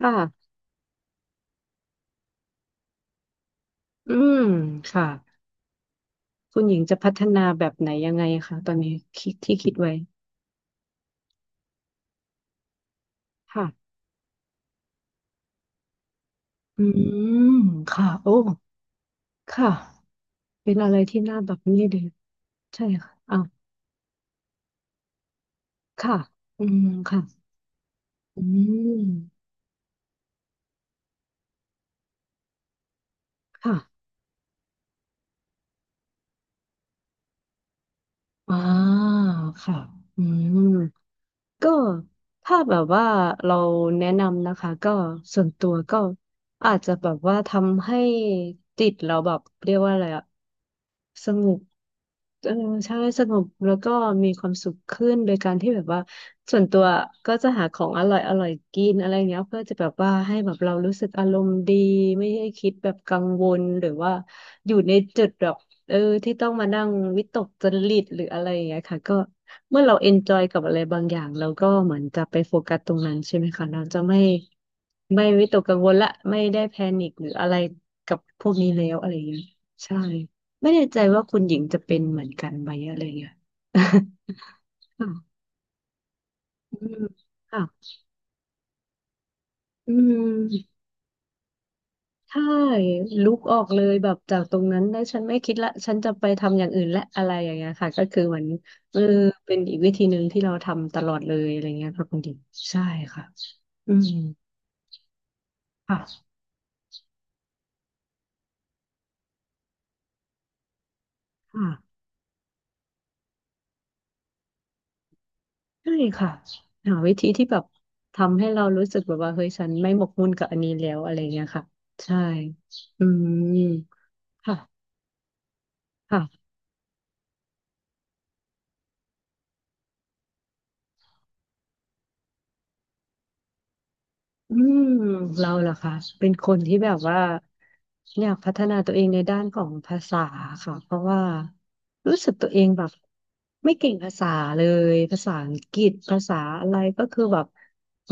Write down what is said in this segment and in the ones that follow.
ค่ะอืมค่ะ คุณหญิงจะพัฒนาแบบไหนยังไงคะตอนนี้คิดที่คิดไว้ค่ะอืมค่ะโอ้ค่ะ เป็นอะไรที่น่าแบบนี้ดีใช่ค่ะอ้าวค่ะ อืมค่ะ อืมค่ะอ่าค่ะ อืม ก็ถ้าแบบว่าเราแนะนำนะคะก็ส่วนตัวก็อาจจะแบบว่าทำให้จิตเราแบบเรียกว่าอะไรอะสงบเออใช่สงบแล้วก็มีความสุขขึ้นโดยการที่แบบว่าส่วนตัวก็จะหาของอร่อยอร่อยกินอะไรเงี้ยเพื่อจะแบบว่าให้แบบเรารู้สึกอารมณ์ดีไม่ให้คิดแบบกังวลหรือว่าอยู่ในจุดแบบ เออที่ต้องมานั่งวิตกจริตหรืออะไรอย่างเงี้ยค่ะก็เมื่อเราเอนจอยกับอะไรบางอย่างเราก็เหมือนจะไปโฟกัสตรงนั้นใช่ไหมคะเราจะไม่วิตกกังวลละไม่ได้แพนิคหรืออะไรกับพวกนี้แล้วอะไรอย่างเงี้ยใช่ไม่แน่ใจว่าคุณหญิงจะเป็นเหมือนกันไหมอะไรอย่างเงี้ย ค่ะอืมค่ะอืม ใช่ลุกออกเลยแบบจากตรงนั้นแล้วฉันไม่คิดละฉันจะไปทำอย่างอื่นและอะไรอย่างเงี้ยค่ะก็คือเหมือนเออเป็นอีกวิธีหนึ่งที่เราทำตลอดเลยอะไรเงี้ยค่ะคุณดิมใช่ค่ะอืมค่ะค่ะใช่ค่ะหาวิธีที่แบบทำให้เรารู้สึกแบบว่าเฮ้ยฉันไม่หมกมุ่นกับอันนี้แล้วอะไรเงี้ยค่ะใช่อืมค่ะค่ะ อืมเราล่ะคะเป็นคนที่แบบว่าอยากพัฒนาตัวเองในด้านของภาษาค่ะเพราะว่ารู้สึกตัวเองแบบไม่เก่งภาษาเลยภาษาอังกฤษภาษาอะไรก็คือแบบ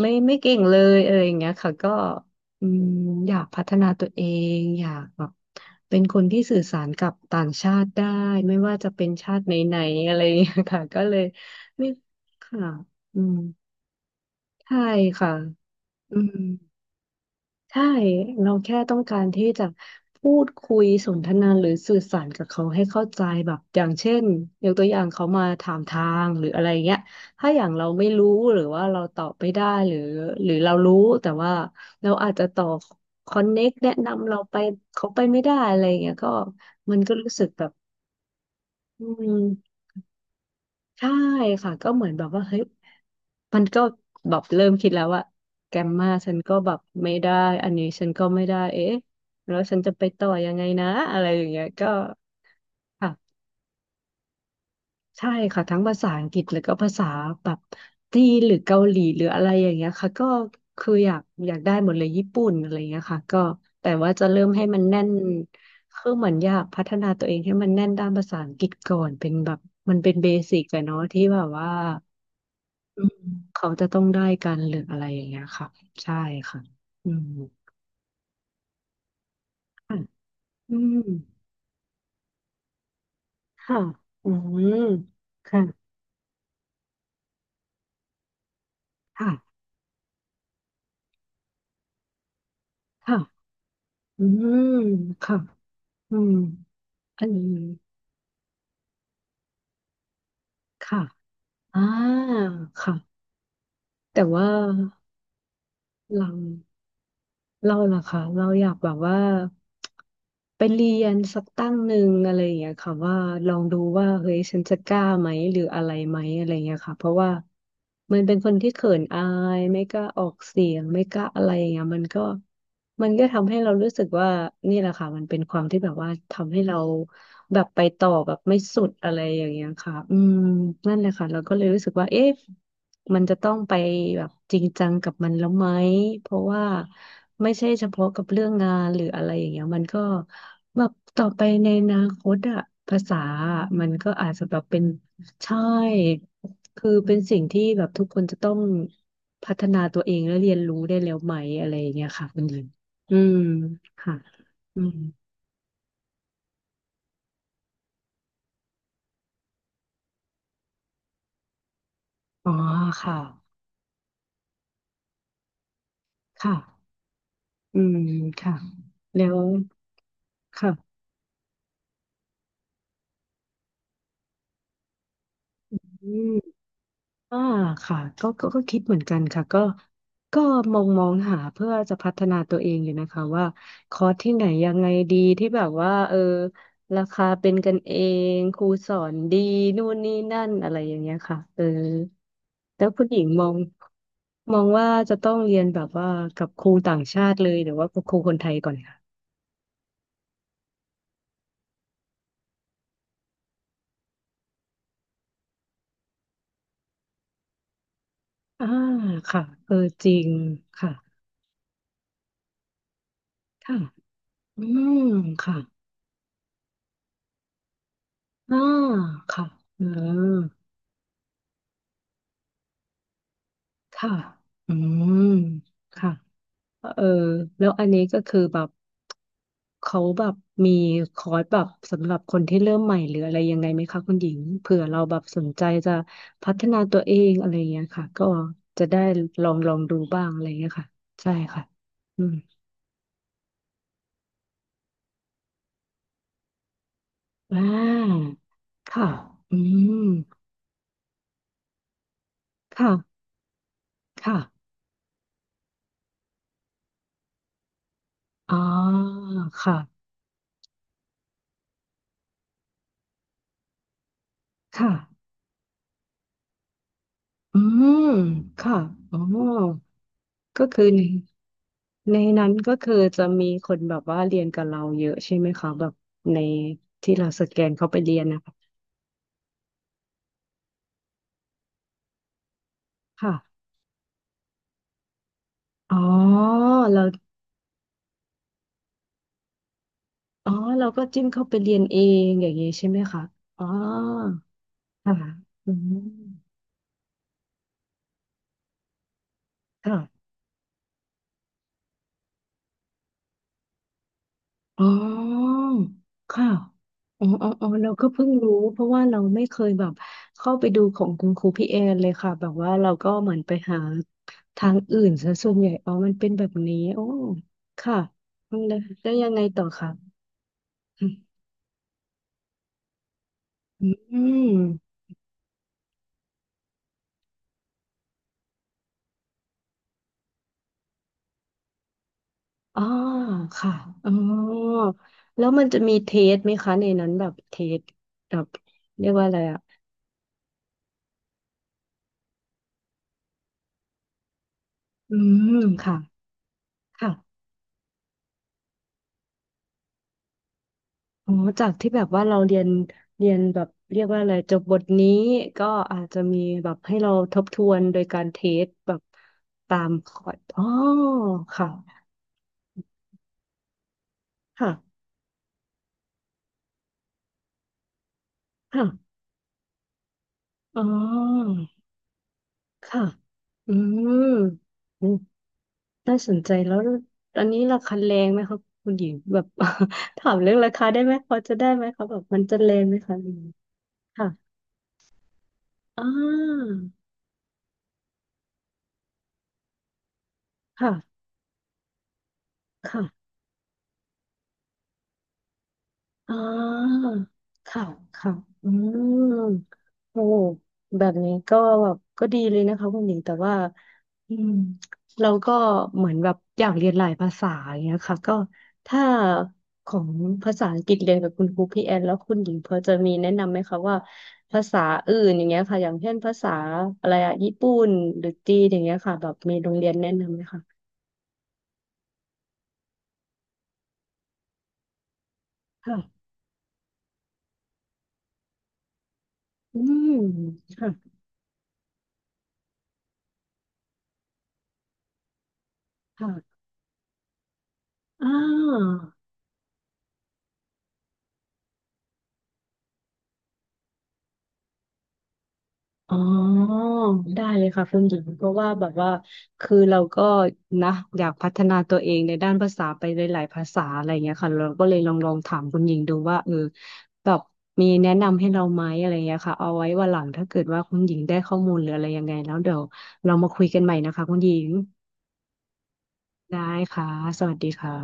ไม่เก่งเลยเอออย่างเงี้ยค่ะก็อืมอยากพัฒนาตัวเองอยากแบบเป็นคนที่สื่อสารกับต่างชาติได้ไม่ว่าจะเป็นชาติไหนๆอะไรอย่างเงี้ยค่ะก็เลยไม่ค่ะอืมใช่ค่ะอืม ใช่เราแค่ต้องการที่จะพูดคุยสนทนาหรือสื่อสารกับเขาให้เข้าใจแบบอย่างเช่นยกตัวอย่างเขามาถามทางหรืออะไรเงี้ยถ้าอย่างเราไม่รู้หรือว่าเราตอบไม่ได้หรือเรารู้แต่ว่าเราอาจจะต่อคอนเน็กแนะนำเราไปเขาไปไม่ได้อะไรเงี้ยก็มันก็รู้สึกแบบอืมใช่ค่ะก็เหมือนแบบว่าเฮ้ย มันก็แบบเริ่มคิดแล้วว่าแกมมาฉันก็แบบไม่ได้อันนี้ฉันก็ไม่ได้เอ๊ะแล้วฉันจะไปต่อยังไงนะอะไรอย่างเงี้ยก็ค่ะใช่ค่ะทั้งภาษาอังกฤษแล้วก็ภาษาแบบจีนหรือเกาหลีหรืออะไรอย่างเงี้ยค่ะก็คืออยากได้หมดเลยญี่ปุ่นอะไรอย่างเงี้ยค่ะก็แต่ว่าจะเริ่มให้มันแน่นคือเหมือนอยากพัฒนาตัวเองให้มันแน่นด้านภาษาอังกฤษก่อนเป็นแบบมันเป็นเบสิกอะเนาะที่แบบว่า อืมเขาจะต้องได้กันหรืออะไรอย่างเงี้ยค่ะใช่ค่ะอืมค่ะอืมค่ะอืมค่ะค่ะค่ะอืมค่ะอืมอันนี้ค่ะอ่าค่ะแต่ว่าเรา เราเหรอคะเราอยากแบบว่าไปเรียนสักตั้งหนึ่งอะไรอย่างเงี้ยค่ะว่าลองดูว่าเฮ้ยฉันจะกล้าไหมหรืออะไรไหมอะไรอย่างเงี้ยค่ะเพราะว่ามันเป็นคนที่เขินอายไม่กล้าออกเสียงไม่กล้าอะไรอย่างเงี้ยมันก็ทำให้เรารู้สึกว่านี่แหละค่ะมันเป็นความที่แบบว่าทำให้เราแบบไปต่อแบบไม่สุดอะไรอย่างเงี้ยค่ะอืมนั่นแหละค่ะเราก็เลยรู้สึกว่าเอ๊ะ มันจะต้องไปแบบจริงจังกับมันแล้วไหมเพราะว่าไม่ใช่เฉพาะกับเรื่องงานหรืออะไรอย่างเงี้ยมันก็แบบต่อไปในอนาคตอะภาษาอะมันก็อาจจะแบบเป็นใช่ คือเป็นสิ่งที่แบบทุกคนจะต้องพัฒนาตัวเองและเรียนรู้ได้แล้วไหมอะไรอย่างเงี้ยค่ะคุณหญิงอืมค่ะอืมอ๋อค่ะค่ะอืมค่ะ แล้วค่ะอืม อ่าค่ะก็คิดเหมือนกันค่ะก็ก็มองหาเพื่อจะพัฒนาตัวเองอยู่นะคะว่าคอร์สที่ไหนยังไงดีที่แบบว่าเออราคาเป็นกันเองครูสอนดีนู่นนี่นั่นอะไรอย่างเงี้ยค่ะเออแล้วคุณหญิงมองว่าจะต้องเรียนแบบว่ากับครูต่างชาติเลยหรือว่ากับครูคนไทยก่อนค่ะอ่าค่ะเออจริงค่ะค่ะอืมค่ะอ่าค่ะอืม ค่ะอืมค่ะเออแล้วอันนี้ก็คือแบบเขาแบบมีคอร์สแบบสำหรับคนที่เริ่มใหม่หรืออะไรยังไงไหมคะคุณหญิงเผื่อเราแบบสนใจจะพัฒนาตัวเองอะไรอย่างเงี้ยค่ะก็จะได้ลองดูบ้างอะไรอย่างเงี้ยค่ะใช่ค่ะอืมอ่าค่ะอืมค่ะค่ะอ๋อค่ะค่ะอืมค่ะอ๋อ ก็คือในนั้นก็คือจะมีคนแบบว่าเรียนกับเราเยอะใช่ไหมคะแบบในที่เราสแกนเข้าไปเรียนนะคะค่ะอ๋อเราอ๋อเราก็จิ้มเข้าไปเรียนเองอย่างนี้ใช่ไหมคะอ๋อค่ะอืมค่ะ อ๋อค่ะอ๋ออ๋ออ๋อเราก็เพิ่งรู้เพราะว่าเราไม่เคยแบบเข้าไปดูของคุณครูพี่แอนเลยค่ะ แบบว่าเราก็เหมือนไปหาทางอื่นซะส่วนใหญ่อ๋อมันเป็นแบบนี้โอ้ค่ะแล้วยังไงต่อคะอืมอมอ๋อค่ะอ๋อแล้วมันจะมีเทสไหมคะในนั้นแบบเทสแบบเรียกว่าอะไรอ่ะอืมค่ะ อ๋อจากที่แบบว่าเราเรียนแบบเรียกว่าอะไรจบบทนี้ก็อาจจะมีแบบให้เราทบทวนโดยการเทสแบบตามคอร์สอ๋อค่ะค่ะค่ะอ๋อค่ะอืมอืมน่าสนใจแล้วตอนนี้ราคาแรงไหมครับคุณหญิงแบบ ถามเรื่องราคาได้ไหมพอจะได้ไหมคะแบบมันจะแรงไหมคะอะไรอย่างเงี้ยค่ะอ่าค่ะค่ะ อ่าค่ะค่ะอืมโอ้แบบนี้ก็แบบก็ดีเลยนะคะคุณหญิงแต่ว่าอืมเราก็เหมือนแบบอยากเรียนหลายภาษาอย่างเงี้ยค่ะก็ถ้าของภาษาอังกฤษเรียนกับคุณครูพี่แอนแล้วคุณหญิงพอจะมีแนะนำไหมคะว่าภาษาอื่นอย่างเงี้ยค่ะอย่างเช่นภาษาอะไรอะญี่ปุ่นหรือจีนอย่างเงี้ยค่ะแบบมีโรงเรียนแนะนำไหมคะค่ะอืมค่ะค่ะอ่า อ๋อได้เลยค่ะคุณหญิงเพราะว่าแบบว่าคือเราก็นะอยากพัฒนาตัวเองในด้านภาษาไปหลายๆภาษาอะไรเงี้ยค่ะเราก็เลยลองถามคุณหญิงดูว่าเออแบบมีแนะนำให้เราไหมอะไรเงี้ยค่ะเอาไว้วันหลังถ้าเกิดว่าคุณหญิงได้ข้อมูลหรืออะไรยังไงแล้วเดี๋ยวเรามาคุยกันใหม่นะคะคุณหญิงได้ค่ะสวัสดีค่ะ